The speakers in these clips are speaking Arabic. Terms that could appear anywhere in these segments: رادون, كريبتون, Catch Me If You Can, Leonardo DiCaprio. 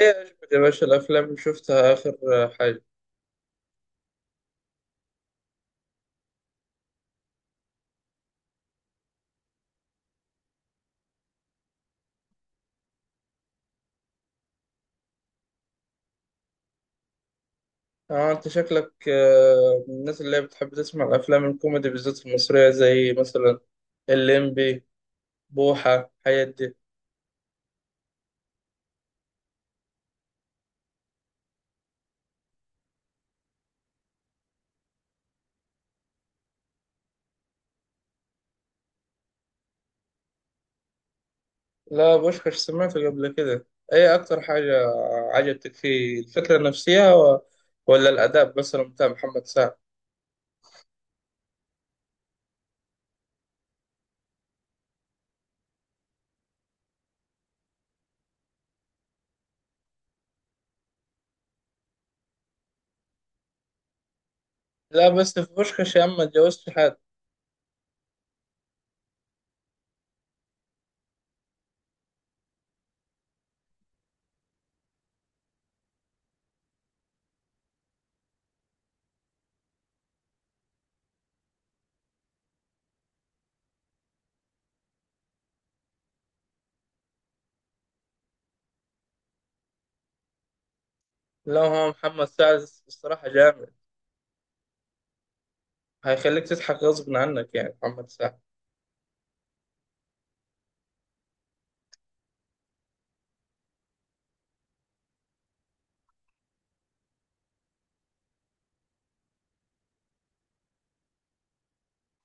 ايه عجبك يا باشا الافلام اللي شفتها اخر حاجه؟ اه، انت شكلك من الناس اللي هي بتحب تسمع الافلام الكوميدي بالذات المصريه، زي مثلا الليمبي، بوحه، الحاجات دي. لا، بوشكاش سمعته قبل كده. ايه اكتر حاجه عجبتك فيه؟ الفكره نفسها ولا الاداء مثلا بتاع محمد سعد؟ لا بس في بوشكاش يا عم ما تجاوزت حد. لا، هو محمد سعد الصراحه جامد، هيخليك تضحك غصب عنك، يعني محمد سعد.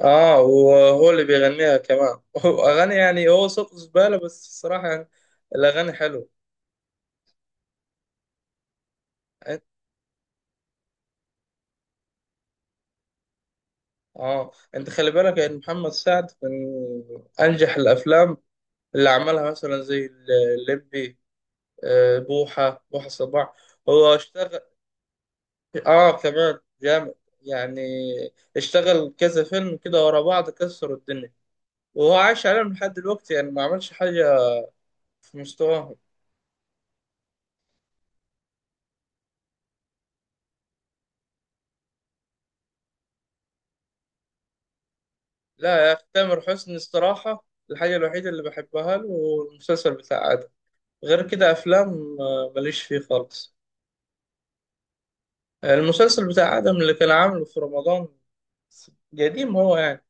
اه، وهو اللي بيغنيها كمان اغاني، يعني هو صوته زبالة بس الصراحة يعني الاغاني حلوة. إيه؟ اه، انت خلي بالك ان محمد سعد من انجح الافلام اللي عملها مثلا زي الليمبي، بوحة، بوحة صباح، هو اشتغل. اه كمان جامد، يعني اشتغل كذا فيلم كده ورا بعض، كسروا الدنيا، وهو عايش عليهم لحد دلوقتي، يعني ما عملش حاجة في مستواه. لا يا أخي، تامر حسني الصراحة الحاجة الوحيدة اللي بحبها له هو المسلسل بتاع آدم، غير كده أفلام، ماليش فيه خالص. المسلسل بتاع آدم اللي كان عامله في رمضان، قديم هو يعني.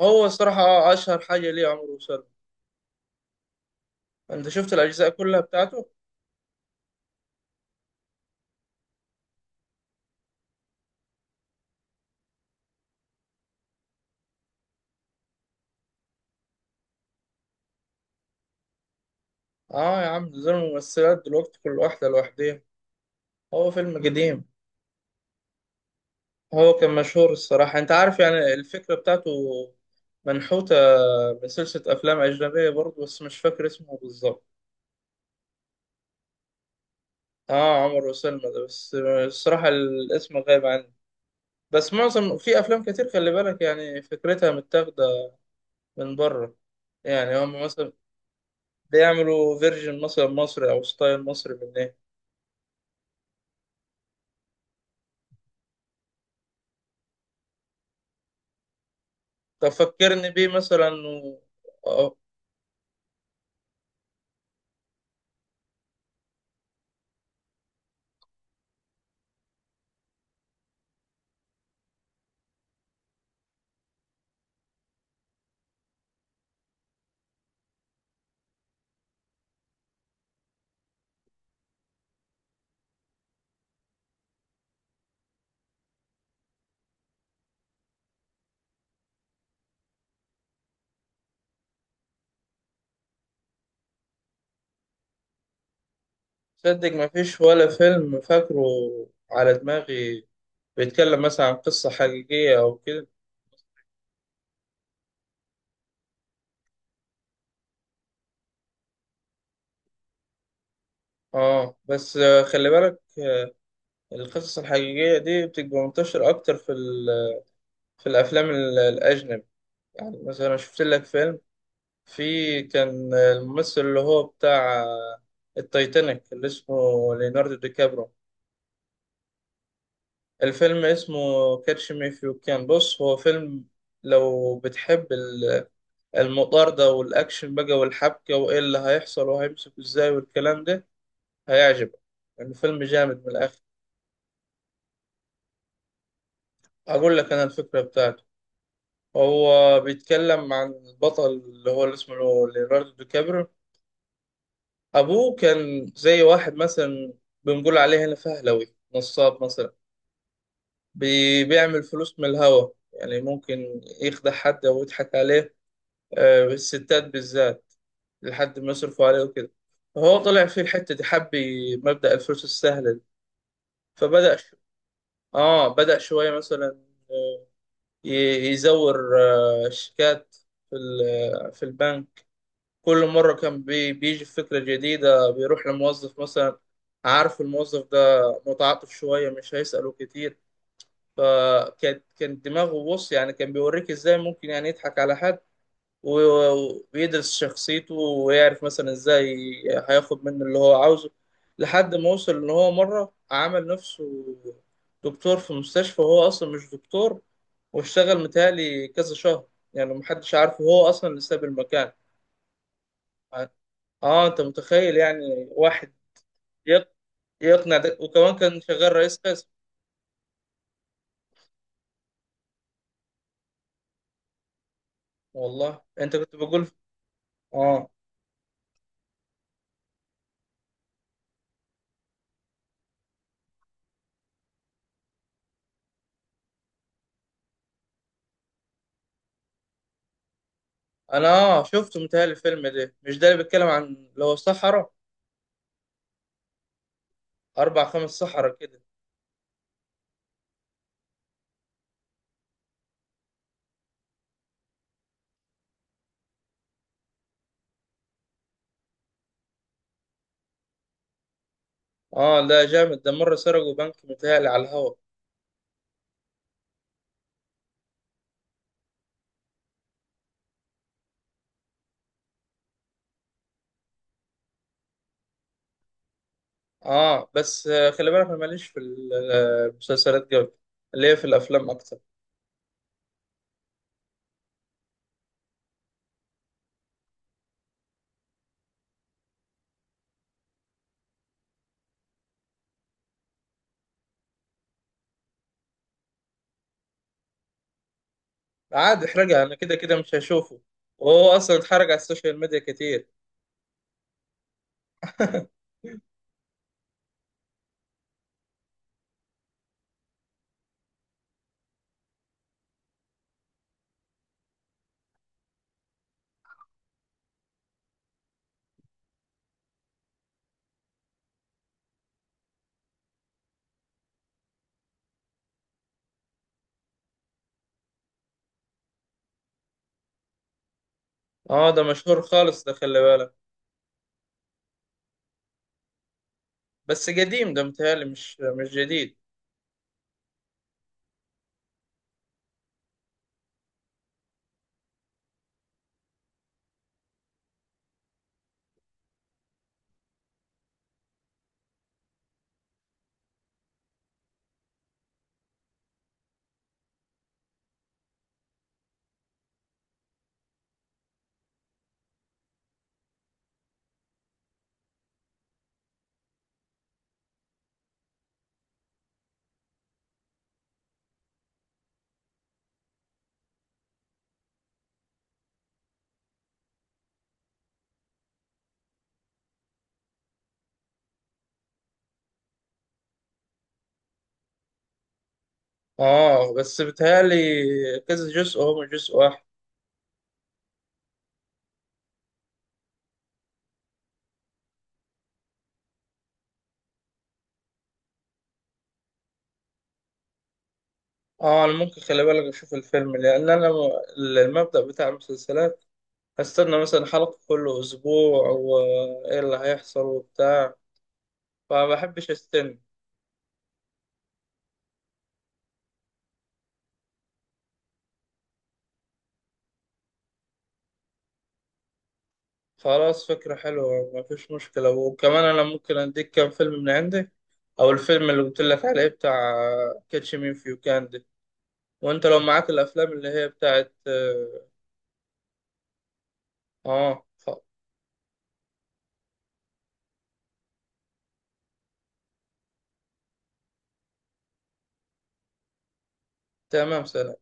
هو الصراحة أشهر حاجة ليه عمرو وسلمى. أنت شفت الأجزاء كلها بتاعته؟ آه يا عم، ده زي الممثلات دلوقتي كل واحدة لوحديها، هو فيلم قديم. هو كان مشهور، الصراحة أنت عارف يعني الفكرة بتاعته منحوتة من سلسلة أفلام أجنبية برضه، بس مش فاكر اسمه بالظبط. اه، عمر وسلمى ده بس، الصراحة الاسم غايب عني. بس معظم، في افلام كتير خلي بالك، يعني فكرتها متاخدة من بره، يعني هم مثلا بيعملوا فيرجن مثلا مصري او ستايل مصري من ايه. طب فكرني بيه مثلا آه، صدق ما فيش ولا فيلم فاكره على دماغي بيتكلم مثلا عن قصة حقيقية او كده. اه بس خلي بالك، القصص الحقيقية دي بتبقى منتشرة اكتر في في الافلام الاجنبي. يعني مثلا شفت لك فيلم، في كان الممثل اللي هو بتاع التايتانيك اللي اسمه ليوناردو دي كابرو، الفيلم اسمه كاتش مي إف يو كان. بص، هو فيلم لو بتحب المطاردة والأكشن بقى والحبكة وإيه اللي هيحصل وهيمسك إزاي والكلام ده، هيعجبك. الفيلم جامد من الآخر. أقول لك أنا الفكرة بتاعته: هو بيتكلم عن البطل اللي هو اللي اسمه ليوناردو دي كابرو، أبوه كان زي واحد مثلا بنقول عليه هنا فهلوي، نصاب مثلا، بيعمل فلوس من الهوا، يعني ممكن يخدع حد أو يضحك عليه، الستات بالذات، لحد ما يصرفوا عليه وكده. فهو طلع في الحتة دي حب مبدأ الفلوس السهلة دي، فبدأ ش... بدأ شوية مثلا آه، يزور شيكات في في البنك. كل مرة كان بيجي فكرة جديدة، بيروح لموظف مثلا، عارف الموظف ده متعاطف شوية، مش هيسأله كتير. فكان دماغه، بص يعني كان بيوريك ازاي ممكن يعني يضحك على حد، ويدرس شخصيته ويعرف مثلا ازاي هياخد منه اللي هو عاوزه، لحد ما وصل ان هو مرة عمل نفسه دكتور في مستشفى وهو اصلا مش دكتور، واشتغل متهيألي كذا شهر، يعني محدش عارفه هو اصلا اللي ساب المكان. اه انت متخيل يعني واحد يق- يقنع ده؟ وكمان كان شغال رئيس قسم. والله انت كنت بقول. اه، انا اه شفته متهيألي الفيلم ده، مش ده اللي بيتكلم عن اللي هو صحراء، اربع خمس صحراء كده؟ اه لا جامد، ده مره سرقوا بنك متهيألي على الهوا. اه بس خلي بالك انا ماليش في المسلسلات قوي، اللي هي في الافلام اكتر. عادي احرقها، انا كده كده مش هشوفه، وهو اصلا اتحرق على السوشيال ميديا كتير. اه ده مشهور خالص ده، خلي بالك، بس قديم ده متهيألي، مش مش جديد. اه بس بتهيألي كذا جزء، هو مش جزء واحد. اه انا ممكن خلي بالك اشوف الفيلم، لان انا المبدأ بتاع المسلسلات هستنى مثلا حلقة كل اسبوع وايه اللي هيحصل وبتاع، فما بحبش استنى. خلاص، فكرة حلوة، ما فيش مشكلة، وكمان انا ممكن اديك كام فيلم من عندي، او الفيلم اللي قلت لك عليه بتاع كاتش مي فيو كان ده، وانت لو معاك الافلام اللي هي بتاعت اه، آه، خ- تمام، سلام.